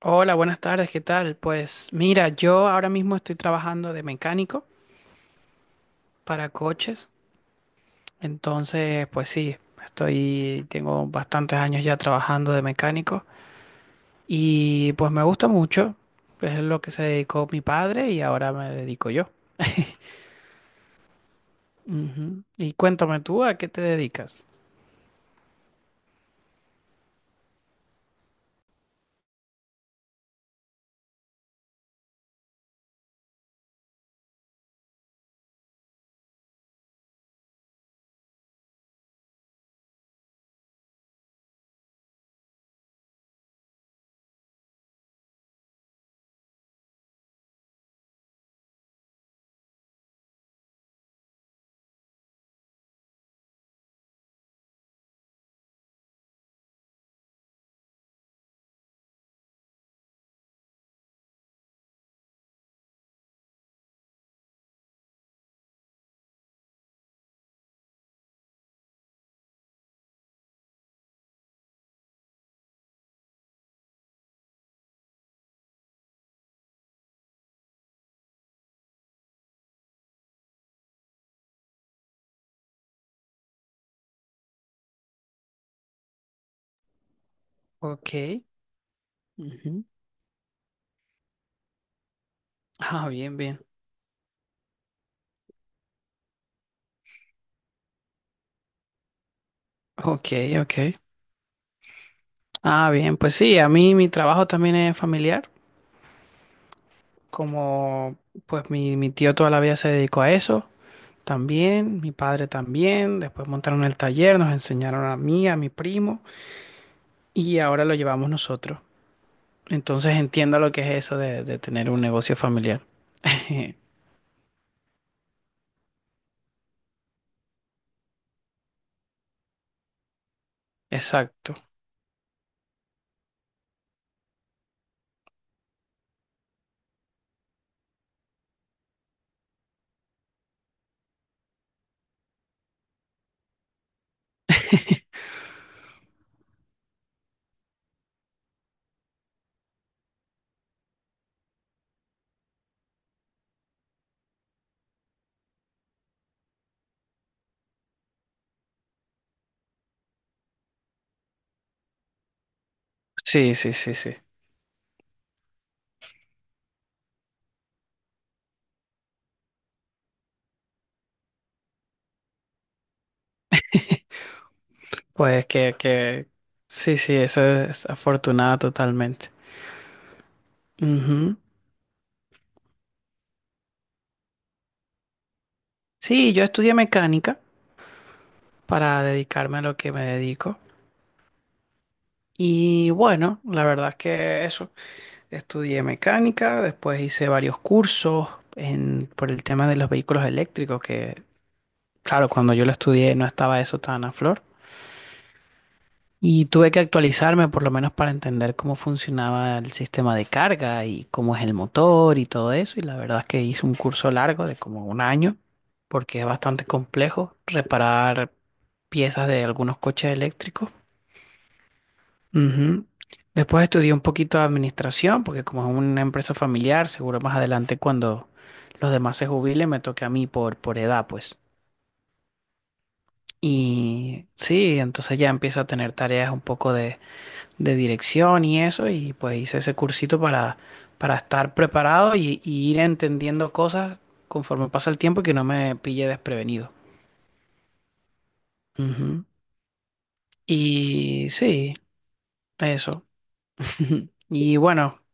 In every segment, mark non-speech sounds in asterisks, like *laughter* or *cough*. Hola, buenas tardes, ¿qué tal? Pues mira, yo ahora mismo estoy trabajando de mecánico para coches, entonces pues sí, estoy, tengo bastantes años ya trabajando de mecánico y pues me gusta mucho, es lo que se dedicó mi padre y ahora me dedico yo. Ujú. Y cuéntame tú, ¿a qué te dedicas? Ok. Ujú. Ah, bien, bien. Ok, ok. Ah, bien, pues sí, a mí mi trabajo también es familiar, como pues mi tío toda la vida se dedicó a eso también, mi padre también, después montaron el taller, nos enseñaron a mí, a mi primo y ahora lo llevamos nosotros. Entonces entiendo lo que es eso de tener un negocio familiar. *laughs* Exacto. Sí, sí, sí, sí. Pues sí, sí, eso es afortunada totalmente. Ujú. Sí, yo estudié mecánica para dedicarme a lo que me dedico. Y bueno, la verdad es que eso. Estudié mecánica, después hice varios cursos en, por el tema de los vehículos eléctricos, que claro, cuando yo lo estudié no estaba eso tan a flor. Y tuve que actualizarme por lo menos para entender cómo funcionaba el sistema de carga y cómo es el motor y todo eso. Y la verdad es que hice un curso largo de como un año, porque es bastante complejo reparar piezas de algunos coches eléctricos. Ujú. Después estudié un poquito de administración, porque como es una empresa familiar, seguro más adelante cuando los demás se jubilen me toque a mí por edad, pues. Y sí, entonces ya empiezo a tener tareas un poco de dirección y eso, y pues hice ese cursito para estar preparado y ir entendiendo cosas conforme pasa el tiempo y que no me pille desprevenido. Ujú. Y sí, eso. *laughs* Y bueno,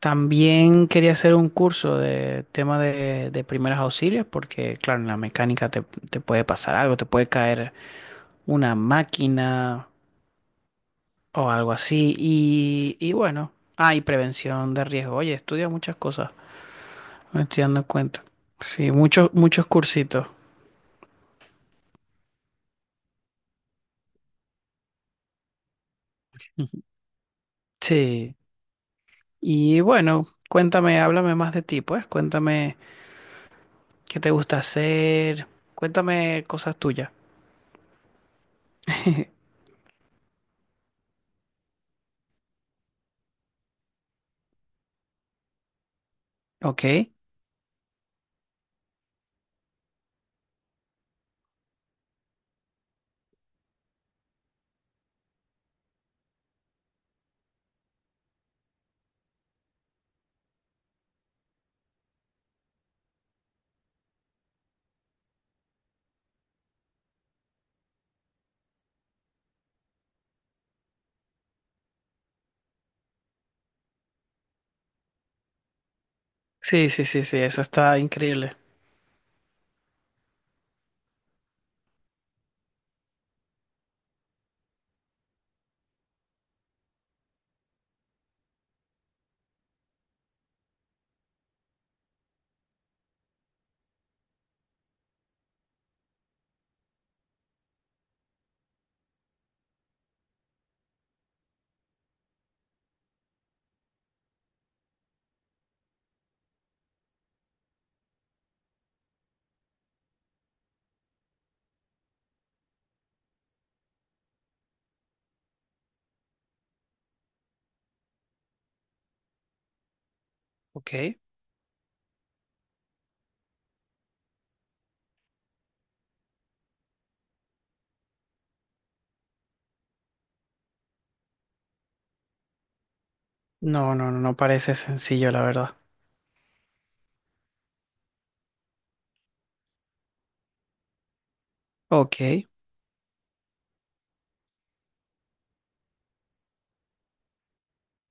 también quería hacer un curso de tema de primeros auxilios porque, claro, en la mecánica te, te puede pasar algo, te puede caer una máquina o algo así. Y bueno, hay prevención de riesgo. Oye, estudia muchas cosas, me estoy dando cuenta. Sí, muchos, muchos cursitos. Ujú. Sí. Y bueno, cuéntame, háblame más de ti, pues. Cuéntame qué te gusta hacer. Cuéntame cosas tuyas. *laughs* Ok. Sí, sí, sí, sí, eso está increíble. Ok. No, no, no parece sencillo, la verdad. Ok.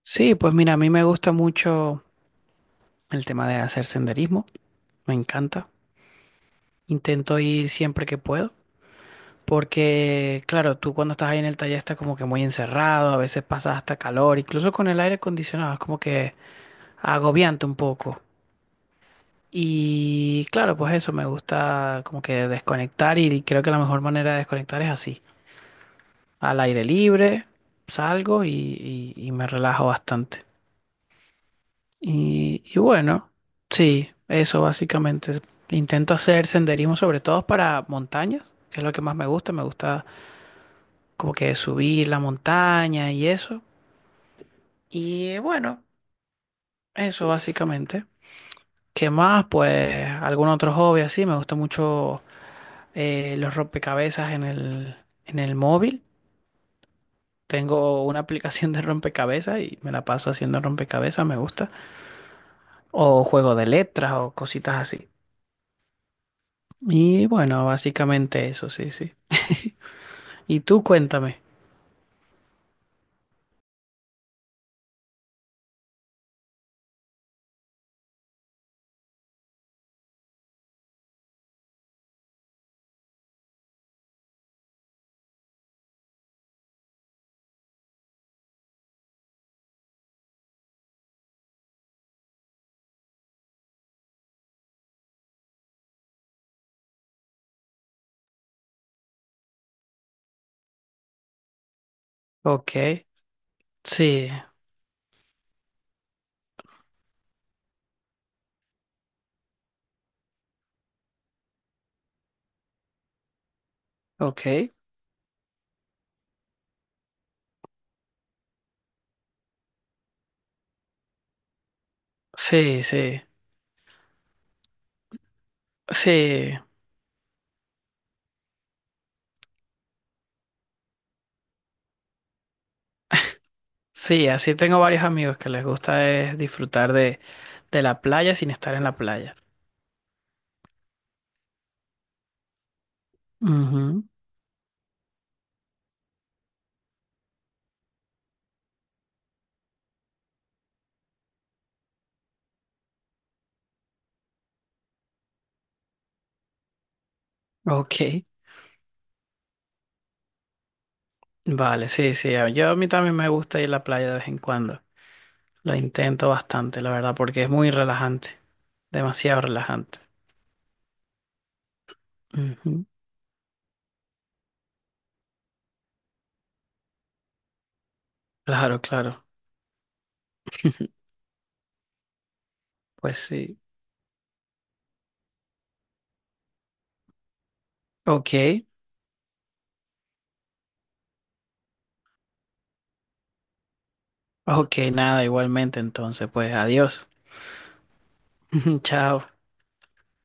Sí, pues mira, a mí me gusta mucho el tema de hacer senderismo, me encanta. Intento ir siempre que puedo, porque claro, tú cuando estás ahí en el taller estás como que muy encerrado, a veces pasas hasta calor, incluso con el aire acondicionado es como que agobiante un poco. Y claro, pues eso, me gusta como que desconectar y creo que la mejor manera de desconectar es así, al aire libre, salgo y me relajo bastante. Y bueno, sí, eso básicamente. Intento hacer senderismo sobre todo para montañas, que es lo que más me gusta. Me gusta como que subir la montaña y eso. Y bueno, eso básicamente. ¿Qué más? Pues algún otro hobby así. Me gusta mucho los rompecabezas en el móvil. Tengo una aplicación de rompecabezas y me la paso haciendo rompecabezas, me gusta. O juego de letras o cositas así. Y bueno, básicamente eso, sí, sí. *laughs* Y tú cuéntame. Ok, sí, ok, sí, sí, sí, sí, así tengo varios amigos que les gusta es disfrutar de la playa sin estar en la playa. Ujú. Ok, vale, sí, sí, yo a mí también me gusta ir a la playa de vez en cuando. Lo intento bastante, la verdad, porque es muy relajante, demasiado relajante. Ujú. Claro, claro, pues sí. Ok. Ok, nada, igualmente entonces, pues adiós. *laughs* Chao.